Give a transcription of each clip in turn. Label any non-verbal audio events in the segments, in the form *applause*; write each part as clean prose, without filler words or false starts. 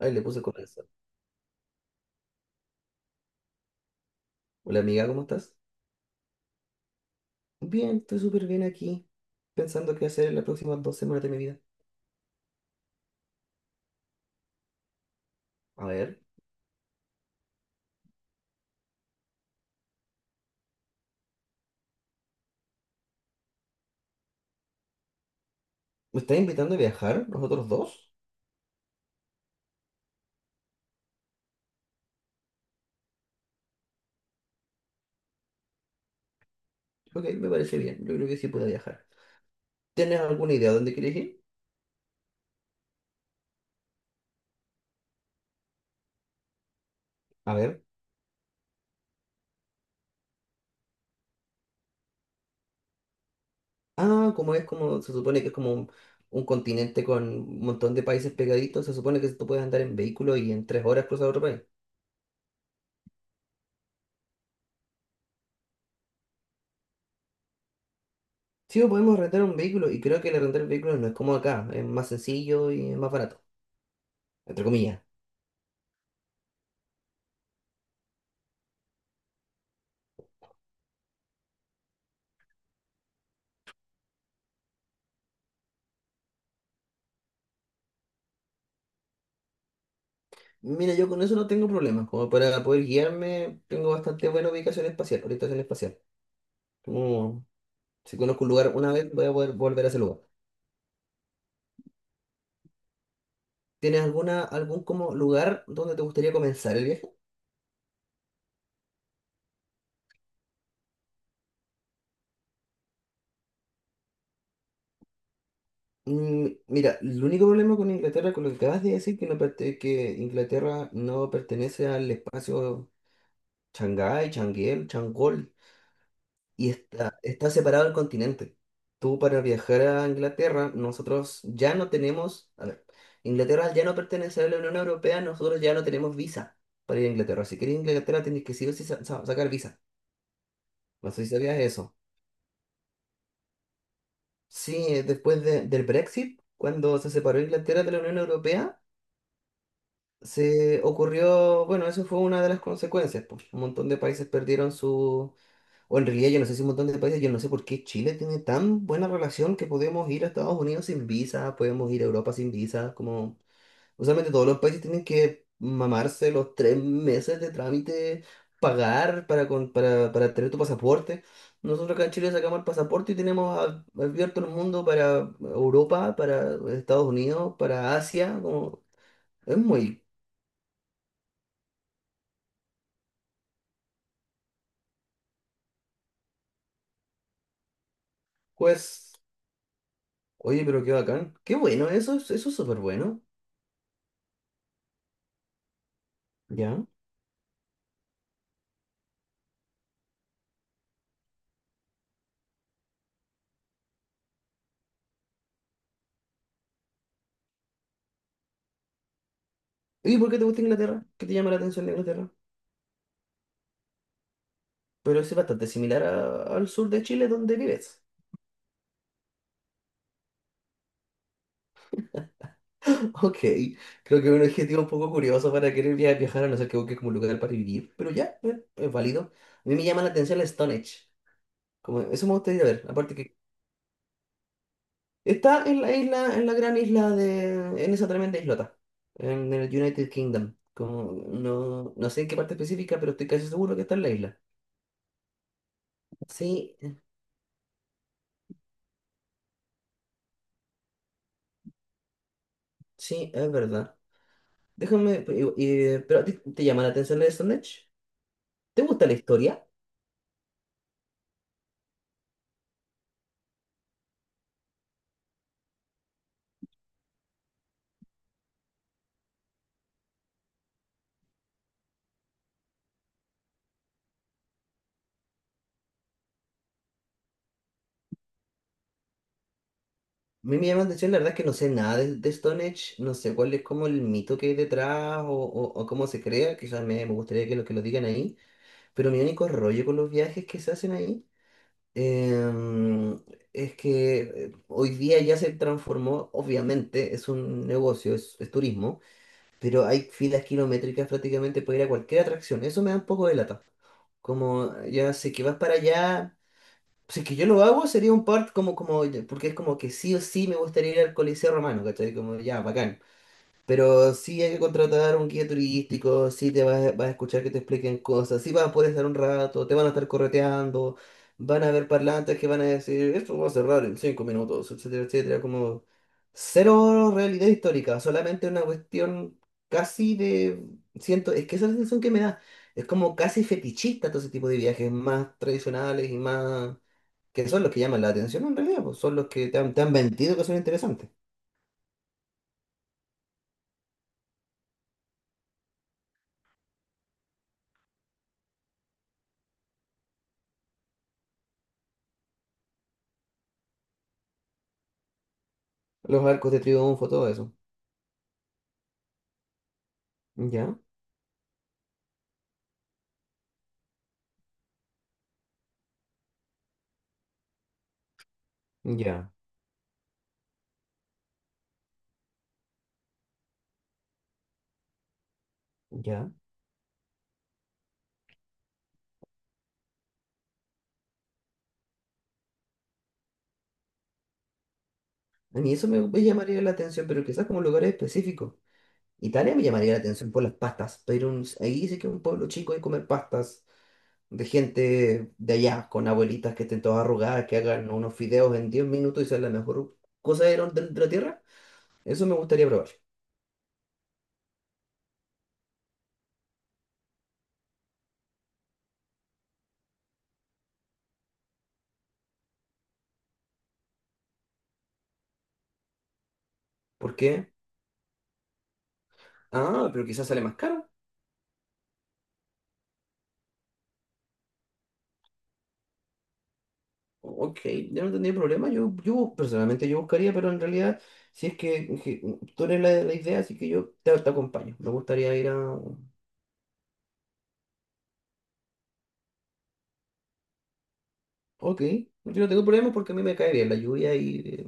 Ay, le puse corazón. Hola amiga, ¿cómo estás? Bien, estoy súper bien aquí, pensando qué hacer en las próximas 2 semanas de mi vida. A ver, ¿me estás invitando a viajar, nosotros dos? Ok, me parece bien, yo creo que sí puedo viajar. ¿Tienes alguna idea de dónde quieres ir? A ver. Ah, como es como, se supone que es como un continente con un montón de países pegaditos, se supone que tú puedes andar en vehículo y en 3 horas cruzar otro país. Sí, o podemos rentar un vehículo y creo que el rentar el vehículo no es como acá, es más sencillo y es más barato, entre comillas. Mira, yo con eso no tengo problemas. Como para poder guiarme, tengo bastante buena ubicación espacial, orientación espacial. Como si conozco un lugar una vez, voy a poder volver a ese lugar. ¿Tienes alguna, algún como lugar donde te gustaría comenzar el viaje? Mm, mira, el único problema con Inglaterra, con lo que acabas de decir, que, que Inglaterra no pertenece al espacio Shanghái, Changuel, Changol, y está separado el continente. Tú para viajar a Inglaterra, nosotros ya no tenemos, a ver, Inglaterra al ya no pertenece a la Unión Europea, nosotros ya no tenemos visa para ir a Inglaterra. Si quieres ir a Inglaterra, tienes que sí o sí sacar visa. No sé si sabías eso. Sí, después del Brexit, cuando se separó Inglaterra de la Unión Europea, se ocurrió, bueno, eso fue una de las consecuencias, pues, un montón de países perdieron su o en realidad yo no sé si un montón de países, yo no sé por qué Chile tiene tan buena relación que podemos ir a Estados Unidos sin visa, podemos ir a Europa sin visa, como usualmente todos los países tienen que mamarse los 3 meses de trámite, pagar para, para tener tu pasaporte. Nosotros acá en Chile sacamos el pasaporte y tenemos abierto el mundo para Europa, para Estados Unidos, para Asia, como es muy, pues, oye, pero qué bacán, qué bueno, eso, eso es súper bueno. ¿Y por qué te gusta Inglaterra? ¿Qué te llama la atención de Inglaterra? Pero es bastante similar al sur de Chile donde vives. *laughs* Ok, creo que es un objetivo un poco curioso para querer viajar, a no ser que busques como un lugar para vivir, pero ya, es válido. A mí me llama la atención la Stonehenge, como eso me gustaría ver, aparte que está en la isla, en la gran isla de, en esa tremenda islota, en el United Kingdom, como no, no sé en qué parte específica, pero estoy casi seguro que está en la isla. Sí, sí, es verdad. Déjame, pero ¿a ti te llama la atención la de Stone Age? ¿Te gusta la historia? A mí me llama la atención, la verdad es que no sé nada de Stone Age, no sé cuál es como el mito que hay detrás o, o cómo se crea, quizás me gustaría que que lo digan ahí, pero mi único rollo con los viajes que se hacen ahí em, es que hoy día ya se transformó, obviamente es un negocio, es turismo, pero hay filas kilométricas prácticamente para ir a cualquier atracción, eso me da un poco de lata. Como ya sé que vas para allá. Si es que yo lo hago, sería un part porque es como que sí o sí me gustaría ir al Coliseo Romano, ¿cachai? Como ya, bacán. Pero sí hay que contratar un guía turístico, sí te vas, a vas a escuchar que te expliquen cosas, sí vas a poder estar un rato, te van a estar correteando, van a haber parlantes que van a decir, esto va a cerrar en 5 minutos, etcétera, etcétera. Como cero realidad histórica, solamente una cuestión casi de, siento, es que esa es la sensación que me da. Es como casi fetichista todo ese tipo de viajes más tradicionales y más que son los que llaman la atención en realidad, pues son los que te han vendido que son interesantes. Los arcos de triunfo, todo eso. Ya, ya, ya. A mí eso me llamaría la atención, pero quizás como lugares específicos. Italia me llamaría la atención por las pastas, pero ahí sí que es un pueblo chico hay comer pastas de gente de allá, con abuelitas que estén todas arrugadas, que hagan unos fideos en 10 minutos y sea la mejor cosa de la tierra. Eso me gustaría probar. ¿Por qué? Ah, pero quizás sale más caro. Ok, yo no tendría problema. Yo personalmente yo buscaría, pero en realidad, si es que tú eres la idea, así que yo te acompaño. Me gustaría ir a. Ok, yo no tengo problemas porque a mí me cae bien la lluvia y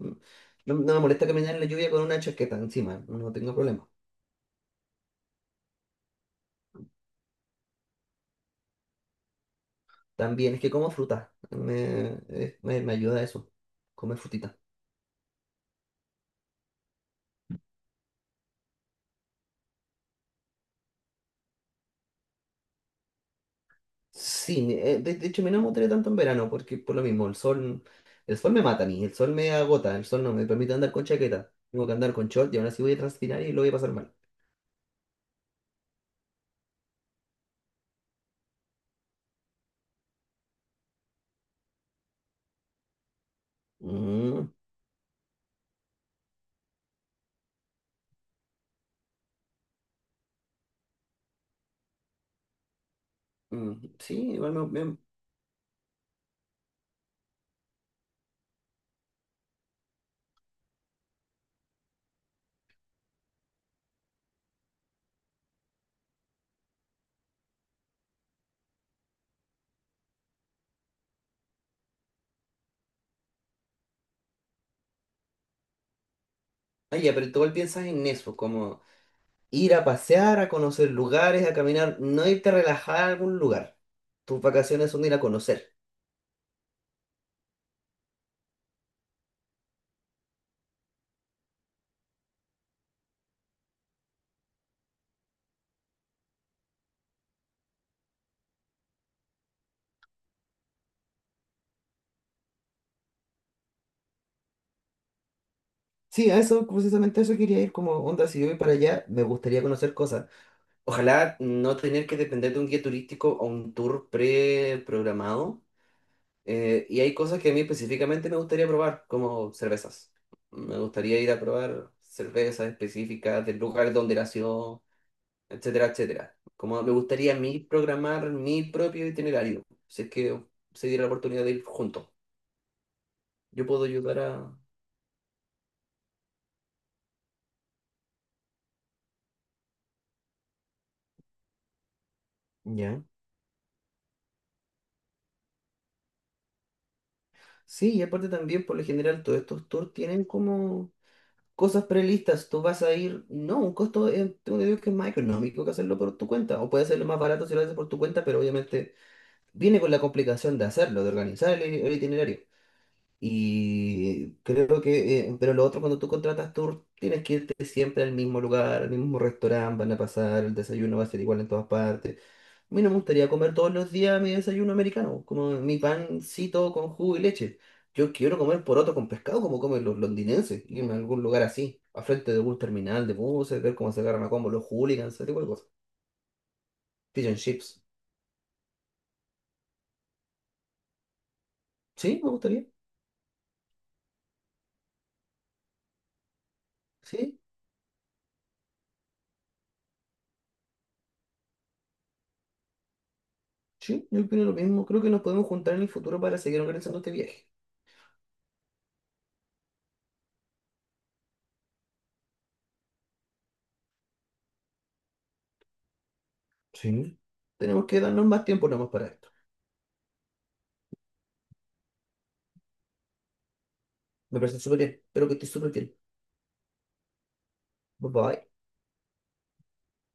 no, no me molesta caminar en la lluvia con una chaqueta encima. No tengo problema. También es que como fruta, me ayuda eso, comer frutita. Sí, de hecho me no enamoré tanto en verano porque por lo mismo, el sol me mata a mí, el sol me agota, el sol no me permite andar con chaqueta, tengo que andar con short y ahora sí voy a transpirar y lo voy a pasar mal. Mm, mm, sí, igual. Ah, ya, pero tú igual piensas en eso, como ir a pasear, a conocer lugares, a caminar, no irte a relajar a algún lugar. Tus vacaciones son ir a conocer. Sí, a eso, precisamente a eso quería ir como onda, si yo voy para allá, me gustaría conocer cosas. Ojalá no tener que depender de un guía turístico o un tour preprogramado. Y hay cosas que a mí específicamente me gustaría probar, como cervezas. Me gustaría ir a probar cervezas específicas del lugar donde nació, etcétera, etcétera. Como me gustaría a mí programar mi propio itinerario, si es que se diera la oportunidad de ir juntos. Yo puedo ayudar a... Ya. Sí, y aparte también, por lo general, todos estos tours tienen como cosas prelistas, tú vas a ir, no, un costo, tengo que decir que es más económico que hacerlo por tu cuenta, o puede hacerlo más barato si lo haces por tu cuenta, pero obviamente viene con la complicación de hacerlo, de organizar el itinerario. Y creo que, pero lo otro, cuando tú contratas tour, tienes que irte siempre al mismo lugar, al mismo restaurante, van a pasar, el desayuno va a ser igual en todas partes. A mí no me gustaría comer todos los días mi desayuno americano, como mi pancito con jugo y leche. Yo quiero comer poroto con pescado como comen los londinenses, irme a algún lugar así, a frente de algún terminal de buses, ver cómo se agarran a combo los hooligans, ese tipo de cosas. Fish and chips. Sí, me gustaría. Sí, sí, yo opino lo mismo. Creo que nos podemos juntar en el futuro para seguir organizando este viaje. Sí. Tenemos que darnos más tiempo nomás para esto. Me parece súper bien. Espero que estés súper bien. Bye bye.